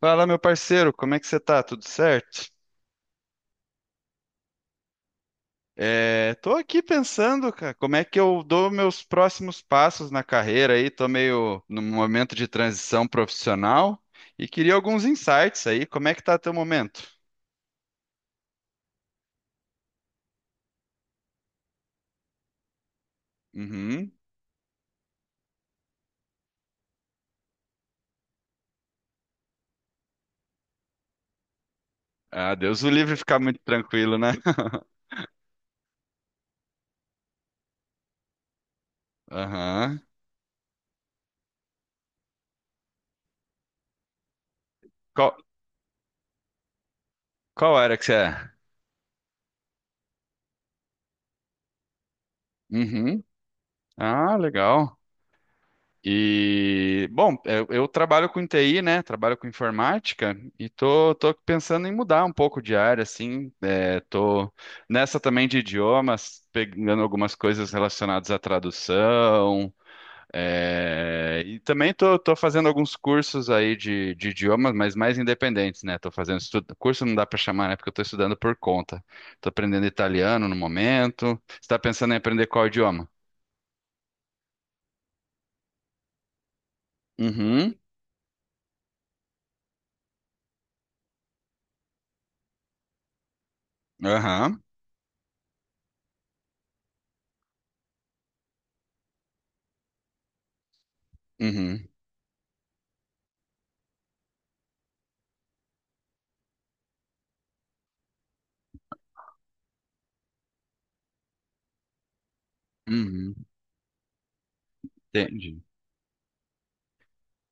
Fala, meu parceiro, como é que você tá? Tudo certo? Tô aqui pensando, cara, como é que eu dou meus próximos passos na carreira aí. Tô meio num momento de transição profissional e queria alguns insights aí. Como é que tá teu momento? Uhum. Ah, Deus o livre ficar muito tranquilo, né? Aham. Qual, qual área que você é? Uhum. Ah, legal. E, bom, eu trabalho com TI, né? Trabalho com informática e tô pensando em mudar um pouco de área, assim. Tô nessa também de idiomas, pegando algumas coisas relacionadas à tradução. E também tô fazendo alguns cursos aí de idiomas, mas mais independentes, né? Tô fazendo estudo, curso não dá para chamar, né? Porque eu tô estudando por conta. Tô aprendendo italiano no momento. Você tá pensando em aprender qual idioma? Uhum, aham, uhum, uhum. Entendi.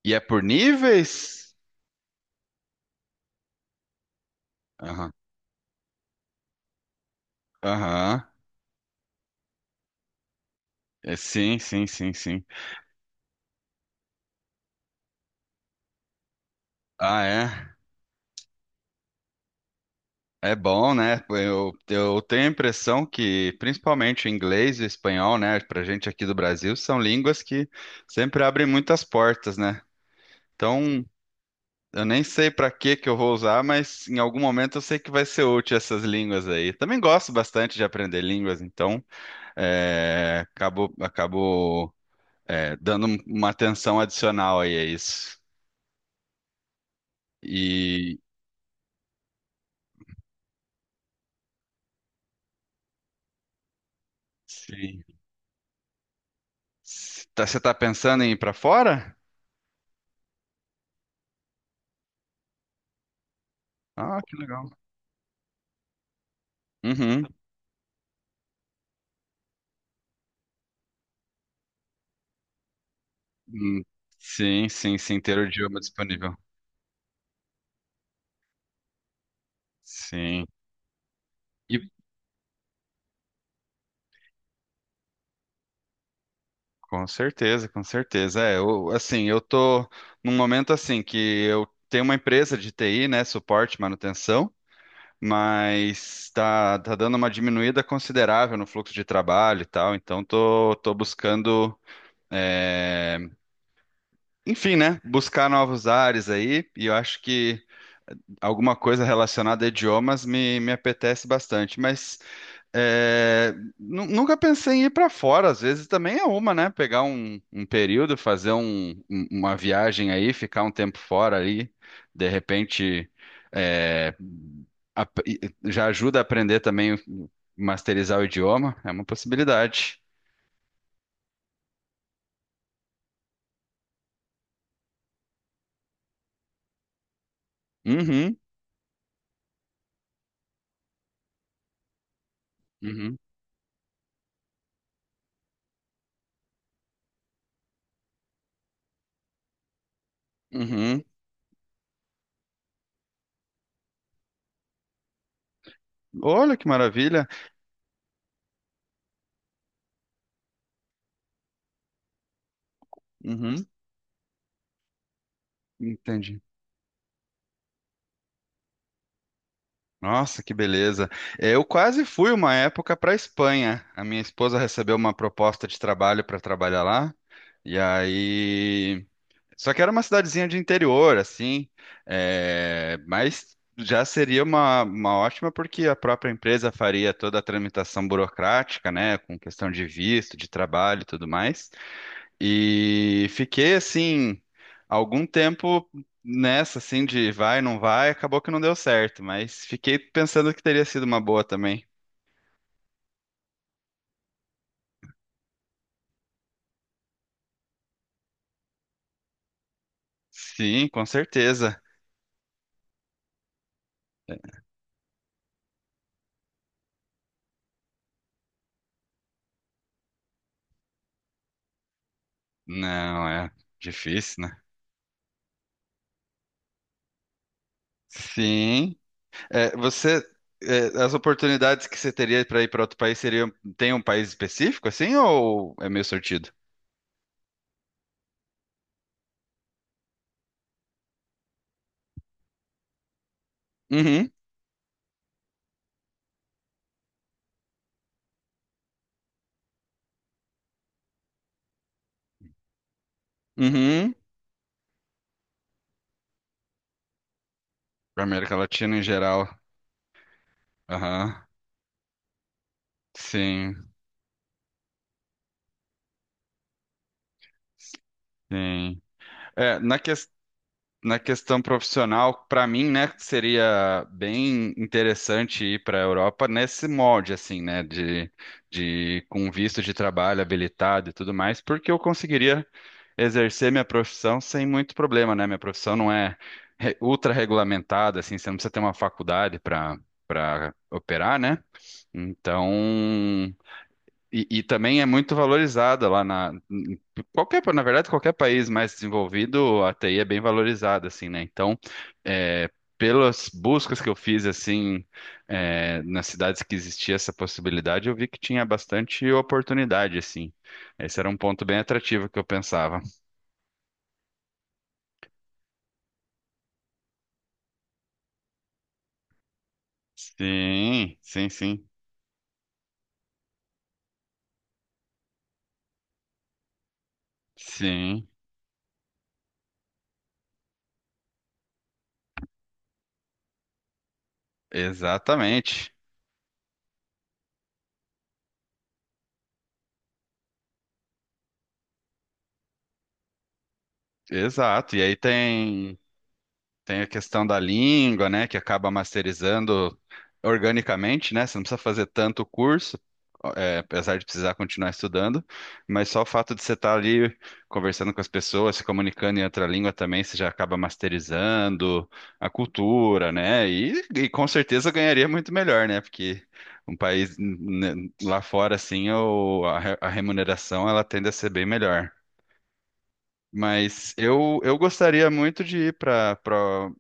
E é por níveis? Aham. Aham. É, sim, sim, sim, sim. Ah, é. É bom, né? Eu tenho a impressão que, principalmente o inglês e o espanhol, né, pra gente aqui do Brasil, são línguas que sempre abrem muitas portas, né? Então, eu nem sei pra que que eu vou usar, mas em algum momento eu sei que vai ser útil essas línguas aí. Também gosto bastante de aprender línguas, então, é, acabo, acabo, dando um, uma atenção adicional aí a isso. E sim. S- tá- Você tá pensando em ir pra fora? Ah, que legal. Uhum. Hum, sim, sim, sim, ter o idioma disponível. Sim. E com certeza, com certeza. É, eu, assim, eu tô num momento assim que eu tenho uma empresa de TI, né, suporte, manutenção, mas tá dando uma diminuída considerável no fluxo de trabalho e tal, então tô buscando, é, enfim, né, buscar novos ares aí, e eu acho que alguma coisa relacionada a idiomas me apetece bastante, mas é, nu- nunca pensei em ir para fora, às vezes também é uma, né? Pegar um, um período, fazer um- um- uma viagem aí, ficar um tempo fora aí, de repente, é, ap- e- já ajuda a aprender também, o- masterizar o idioma, é uma possibilidade. Uhum, uhum, uhum. Olha que maravilha. Uhum, entendi. Nossa, que beleza. É, eu quase fui uma época para Espanha. A minha esposa recebeu uma proposta de trabalho para trabalhar lá. E aí. Só que era uma cidadezinha de interior, assim. Mas já seria uma ótima, porque a própria empresa faria toda a tramitação burocrática, né? Com questão de visto, de trabalho e tudo mais. E fiquei assim, algum tempo nessa, assim, de vai, não vai, acabou que não deu certo, mas fiquei pensando que teria sido uma boa também. Sim, com certeza. Não, é difícil, né? Sim. É, você, as oportunidades que você teria para ir para outro país seriam, tem um país específico, assim, ou é meio sortido? Uhum, uhum. Para América Latina em geral. Aham. Sim, sim. É, na questão. Na questão profissional, para mim, né, que seria bem interessante ir para a Europa nesse molde, assim, né, de com visto de trabalho habilitado e tudo mais, porque eu conseguiria exercer minha profissão sem muito problema, né? Minha profissão não é re- ultra regulamentada, assim, você não precisa ter uma faculdade para operar, né? Então, e também é muito valorizada lá na em qualquer, na verdade, qualquer país mais desenvolvido, a TI é bem valorizada, assim, né? Então, é, pelas buscas que eu fiz, assim, nas cidades que existia essa possibilidade, eu vi que tinha bastante oportunidade, assim. Esse era um ponto bem atrativo que eu pensava. Sim, sim, sim, sim, exatamente, exato. E aí tem tem a questão da língua, né, que acaba masterizando organicamente, né? Você não precisa fazer tanto curso, apesar de precisar continuar estudando, mas só o fato de você estar ali conversando com as pessoas, se comunicando em outra língua também, você já acaba masterizando a cultura, né? E com certeza ganharia muito melhor, né? Porque um país né, lá fora, assim, o- a re- a remuneração ela tende a ser bem melhor. Mas eu gostaria muito de ir para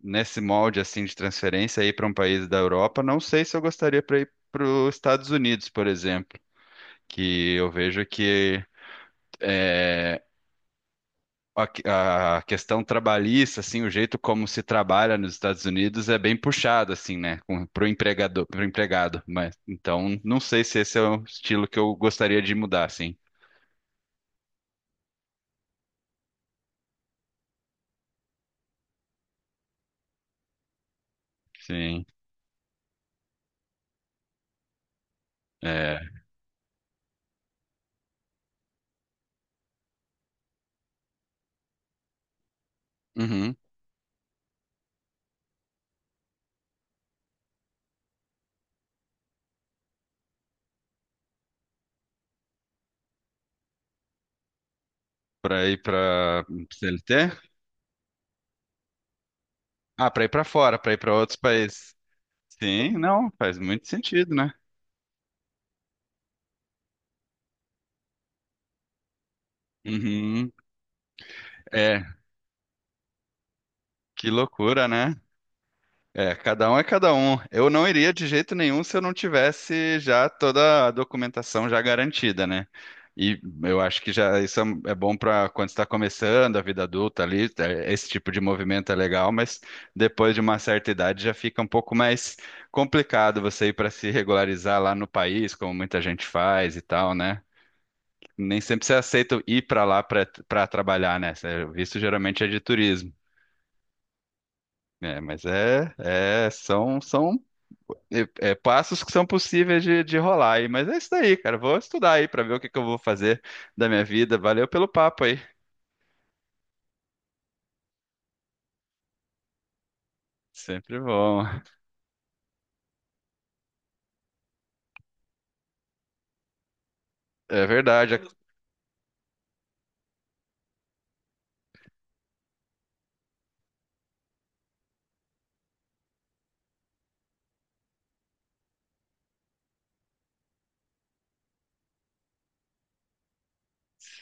nesse molde assim de transferência ir para um país da Europa. Não sei se eu gostaria para ir para os Estados Unidos, por exemplo, que eu vejo que é, a questão trabalhista, assim, o jeito como se trabalha nos Estados Unidos é bem puxado assim, né, para o empregador, para empregado. Mas então não sei se esse é o estilo que eu gostaria de mudar, assim. Sim. É. Uhum. Para ir para CLT? Ah, para ir para fora, para ir para outros países. Sim, não, faz muito sentido, né? Uhum. É, que loucura, né? É, cada um é cada um. Eu não iria de jeito nenhum se eu não tivesse já toda a documentação já garantida, né? E eu acho que já isso é é bom para quando está começando a vida adulta ali, é, esse tipo de movimento é legal, mas depois de uma certa idade já fica um pouco mais complicado você ir para se regularizar lá no país, como muita gente faz e tal, né? Nem sempre você aceita ir para lá para trabalhar, né? Cê- O visto geralmente é de turismo. É, mas é, é são são é, é, passos que são possíveis de rolar aí. Mas é isso daí, cara. Vou estudar aí para ver o que que eu vou fazer da minha vida. Valeu pelo papo aí. Sempre bom. É verdade. Ac-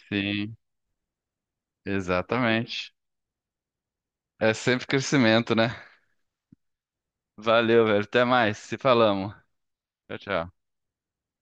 sim, exatamente. É sempre crescimento, né? Valeu, velho. Até mais. Se falamos. Tchau, tchau.